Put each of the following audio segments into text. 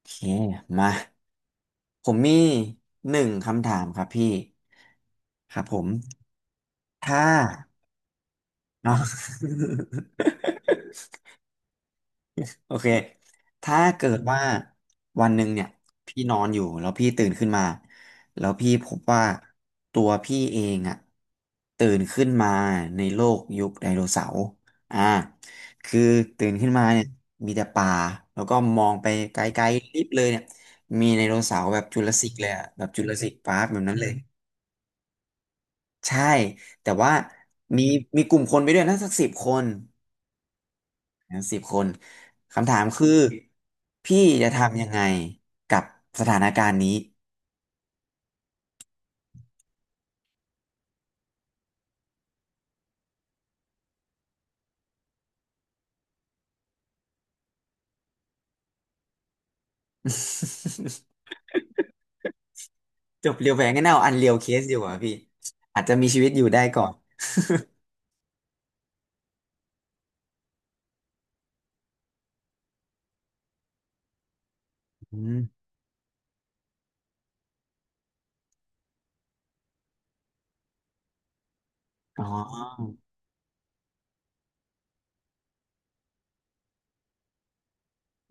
โอเคมาผมมีหนึ่งคำถามครับพี่ครับผมถ้าเนาะ โอเค ถ้าเกิดว่าวันหนึ่งเนี่ยพี่นอนอยู่แล้วพี่ตื่นขึ้นมาแล้วพี่พบว่าตัวพี่เองตื่นขึ้นมาในโลกยุคไดโนเสาร์อ่าคือตื่นขึ้นมาเนี่ยมีแต่ป่าแล้วก็มองไปไกลๆลิบเลยเนี่ยมีไดโนเสาร์แบบจุลสสิกเลยแบบจุลสสิกปาร์คแบบนั้นเลยใช่แต่ว่ามีมีกลุ่มคนไปด้วยนะสักสิบคน ทั้ง10 คนคำถามคือพี่จะทำยังไงกับสถานการณ์นี้ จบเรียวแหวงกันเอาอันเรียวเคสดีกว่าพี่อาจจะมีชีวิตอยู่ได้ก่อนอืมอ๋อ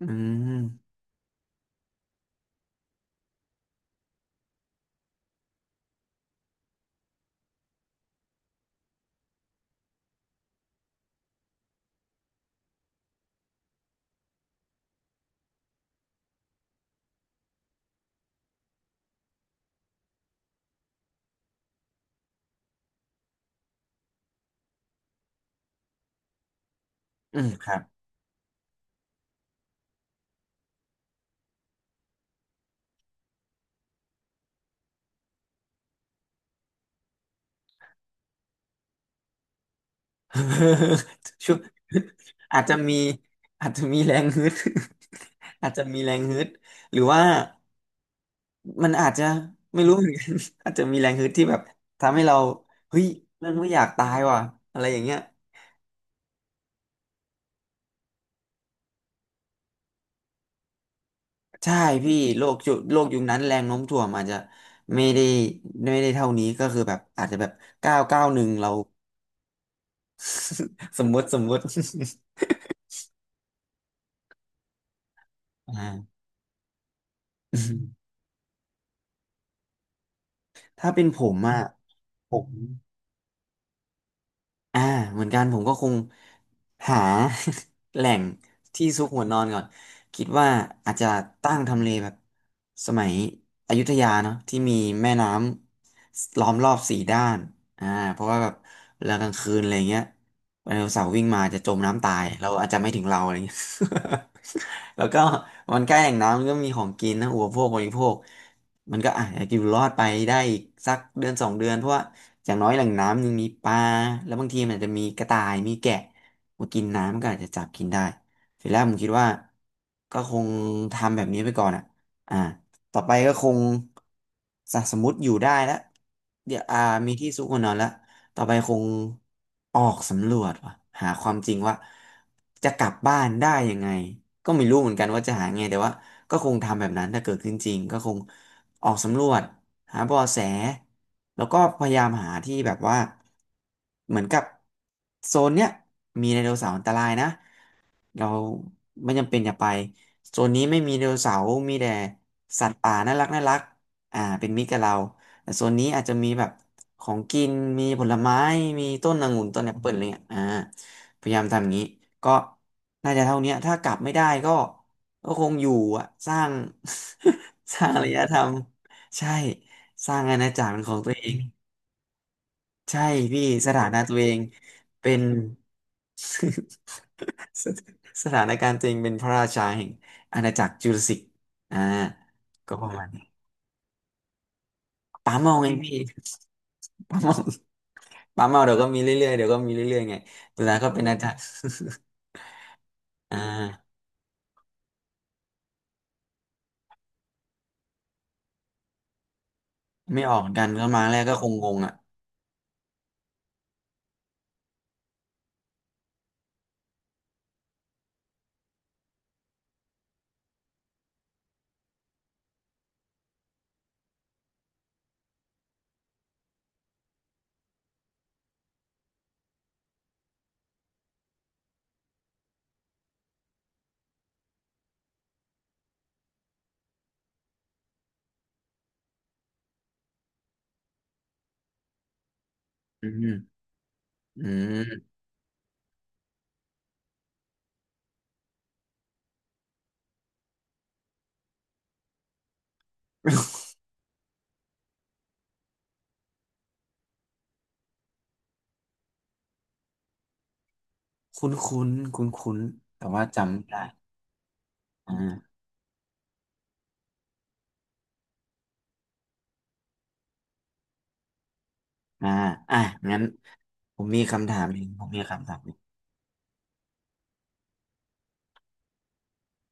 อืมอืมครับ ช่วงอาจจะมีอาจจะมีแรงฮึด อาจจะมีแรงฮึดหรือว่ามันอาจจะไม่รู้เหมือนกัน อาจจะมีแรงฮึดที่แบบทำให้เราเฮ้ยเรื่องไม่อยากตายว่ะอะไรอย่างเงี้ย ใช่พี่โลกโลกยุคนั้นแรงโน้มถ่วงอาจจะไม่ได้ไม่ได้เท่านี้ก็คือแบบอาจจะแบบเก้าเก้าหนึ่งเรา สมมติ อ่า ถ้าเป็นผมอ่ะผม อ่าเหมือนกันผมก็คงหา แหล่งที่ซุกหัวนอนก่อนคิดว่าอาจจะตั้งทำเลแบบสมัยอยุธยาเนาะที่มีแม่น้ำล้อมรอบสี่ด้านอ่าเพราะว่าแบบเวลากลางคืนอะไรเงี้ยไดโนเสาร์วิ่งมาจะจมน้ำตายเราอาจจะไม่ถึงเราอะไรเงี้ย แล้วก็มันใกล้แหล่งน้ำมันก็มีของกินนะอุปโภคบริโภคมันก็อาจจะอยู่รอดไปได้อีกสักเดือนสองเดือนเพราะว่า อย่างน้อยแหล่งน้ำยังมีปลาแล้วบางทีมันอาจจะมีกระต่ายมีแกะมากินน้ำมันก็อาจจะจับกินได้ทีแรกผมคิดว่าก็คงทำแบบนี้ไปก่อนอ่ะอ่าต่อไปก็คงสมมติอยู่ได้แล้วเดี๋ยวมีที่ซุกหัวนอนแล้วต่อไปคงออกสำรวจว่ะหาความจริงว่าจะกลับบ้านได้ยังไงก็ไม่รู้เหมือนกันว่าจะหาไงแต่ว่าก็คงทำแบบนั้นถ้าเกิดขึ้นจริงก็คง ออกสำรวจหาเบาะแสแล้วก็พยายามหาที่แบบว่าเหมือนกับโซนเนี้ยมีไดโนเสาร์อันตรายนะเราไม่จำเป็นอย่าไปโซนนี้ไม่มีไดโนเสาร์มีแต่สัตว์ป่าน่ารักน่ารักเป็นมิตรกับเราแต่โซนนี้อาจจะมีแบบของกินมีผลไม้มีต้นองุ่นต้นแอปเปิลอะไรเงี้ยพยายามทำอย่างนี้ก็น่าจะเท่านี้ถ้ากลับไม่ได้ก็ ก็คงอยู่สร้าง สร้างอารยธรรมใช่สร้างอาณาจักรเป็นของตัวเองใช่พี่สถานะตัวเองเป็น สสถานการณ์ตัวเองเป็นพระราชาแห่งอาณาจักรจูราสสิกอ่าก็ประมาณนี้ป๋าเมาไงพี่ป๋าเมาป๋าเมาเดี๋ยวก็มีเรื่อยๆเดี๋ยวก็มีเรื่อยๆไงสุดท้ายก็เป็นอาจารย์ อ่าไม่ออกเหมือนกันก็มาแรกก็คงงงอืมอืม คุ้นคุ้นคุ้นคุ้นๆแต่ว่าจำไม่ได้อ่าอ่าอ่ะงั้นผมมีคำถามหนึ่งผมมีคำถามหนึ่ง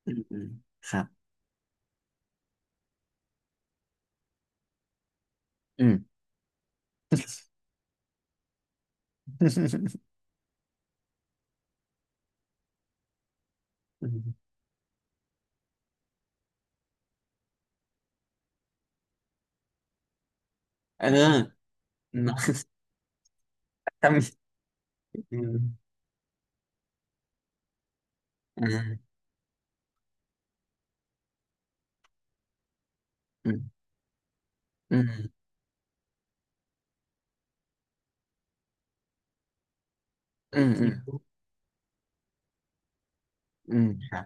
อืมอืมครับอืม อืมเออ อืมถ้ามีอืมอืมอืมอืมอืมอืมอืมครับ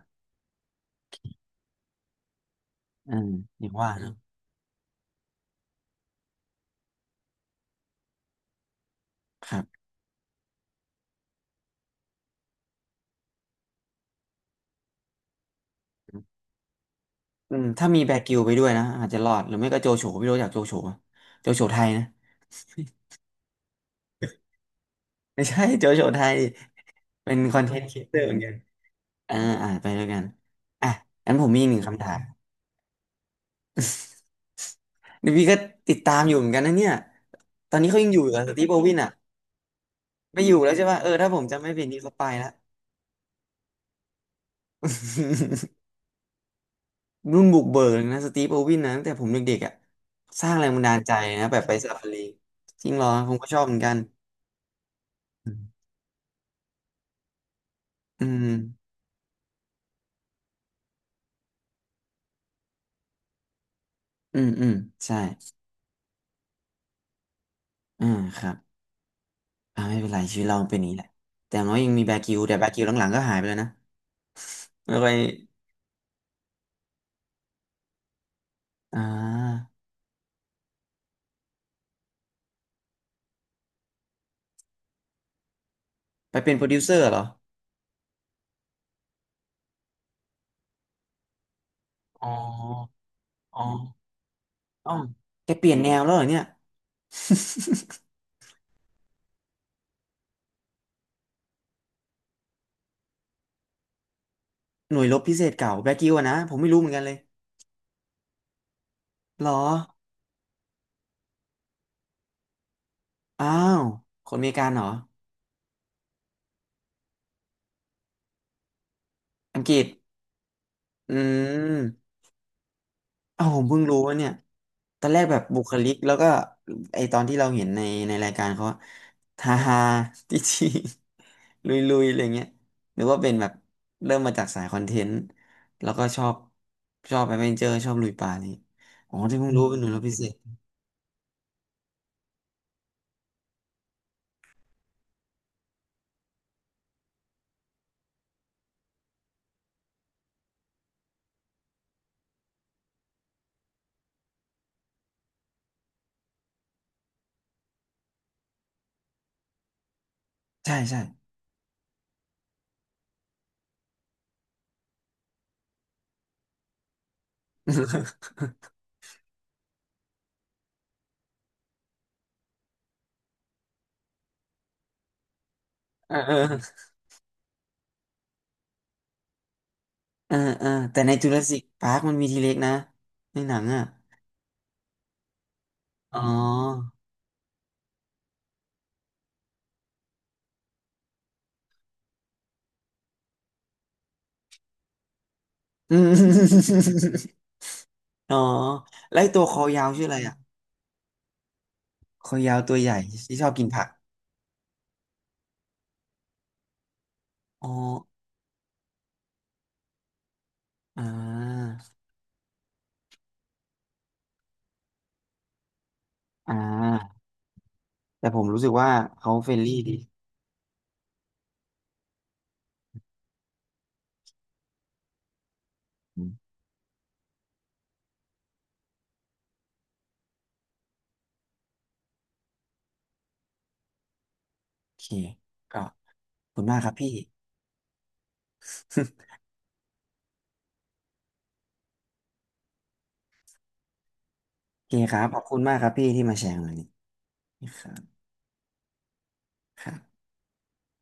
อืมอย่างว่าเนอะครับอืมถ้ามีแบกิวไปด้วยนะอาจจะรอดหรือไม่ก็โจโฉไม่รู้จักโจโฉปะโจโฉไทยนะไม่ใช่ โจโฉไทยเป็นคอนเทนต์ครีเอเตอร์เหมือนกันอ่าไปด้วยกันอ่ะงั้นผมมีอีกหนึ่งคำถาม ดีพี่ก็ติดตามอยู่เหมือนกันนะเนี่ย ตอนนี้เขายังอยู่เหรอสตีฟโบวินไม่อยู่แล้วใช่ป่ะเออถ้าผมจำไม่ผิดนี่เขาไปแล้ว รุ่นบุกเบิกเลยนะสตีฟโบวินนะตั้งแต่ผมเด็กๆสร้างแรงบันดาลใจนะแบบไปซาฟารีจริงเหรอผมก็ชอบเหมือนกันอืมอืมอืมใช่อ่าครับไม่เป็นไรชีวิตเราเป็นอย่างนี้แหละแต่อย่างน้อยยังมีแบกิวแต่แบกิวหลังๆก็หายไปแล้วนะแล้วไปอ่าไปเป็นโปรดิวเซอร์เหรออ๋ออ๋ออ๋อแกเปลี่ยนแนวแล้วเหรอเนี่ย หน่วยรบพิเศษเก่าแบล็กกิวนะผมไม่รู้เหมือนกันเลยหรออ้าวคนอเมริกันเหรออังกฤษอืมอ้าวผมเพิ่งรู้ว่าเนี่ยตอนแรกแบบบุคลิกแล้วก็ไอตอนที่เราเห็นในรายการเขาฮาฮา จีจีลุยลุยๆอะไรเงี้ยหรือว่าเป็นแบบเริ่มมาจากสายคอนเทนต์แล้วก็ชอบแอดเวนเจอร์ชอบลุยป่านี่อ๋อที่เพิ่งรู้เป็นหน่วยรบพิเศษใช่ใช่ เออเออ อ่าอ่าแต่ในจูราสสิกพาร์คมันมีทีเล็กนะในหนังอ่ะอ๋อ อืมอ๋อแล้วไอ้ตัวคอยาวชื่ออะไรคอยาวตัวใหญ่ที่ชอบกินผักอ๋ออ่าอ่าแต่ผมรู้สึกว่าเขาเฟรนลี่ดีอืมโอเคก็ขอบคุณมากครับพี่ โอเคครับขอบคุณมากครับพี่ที่มาแชร์วันนี้ครับครับ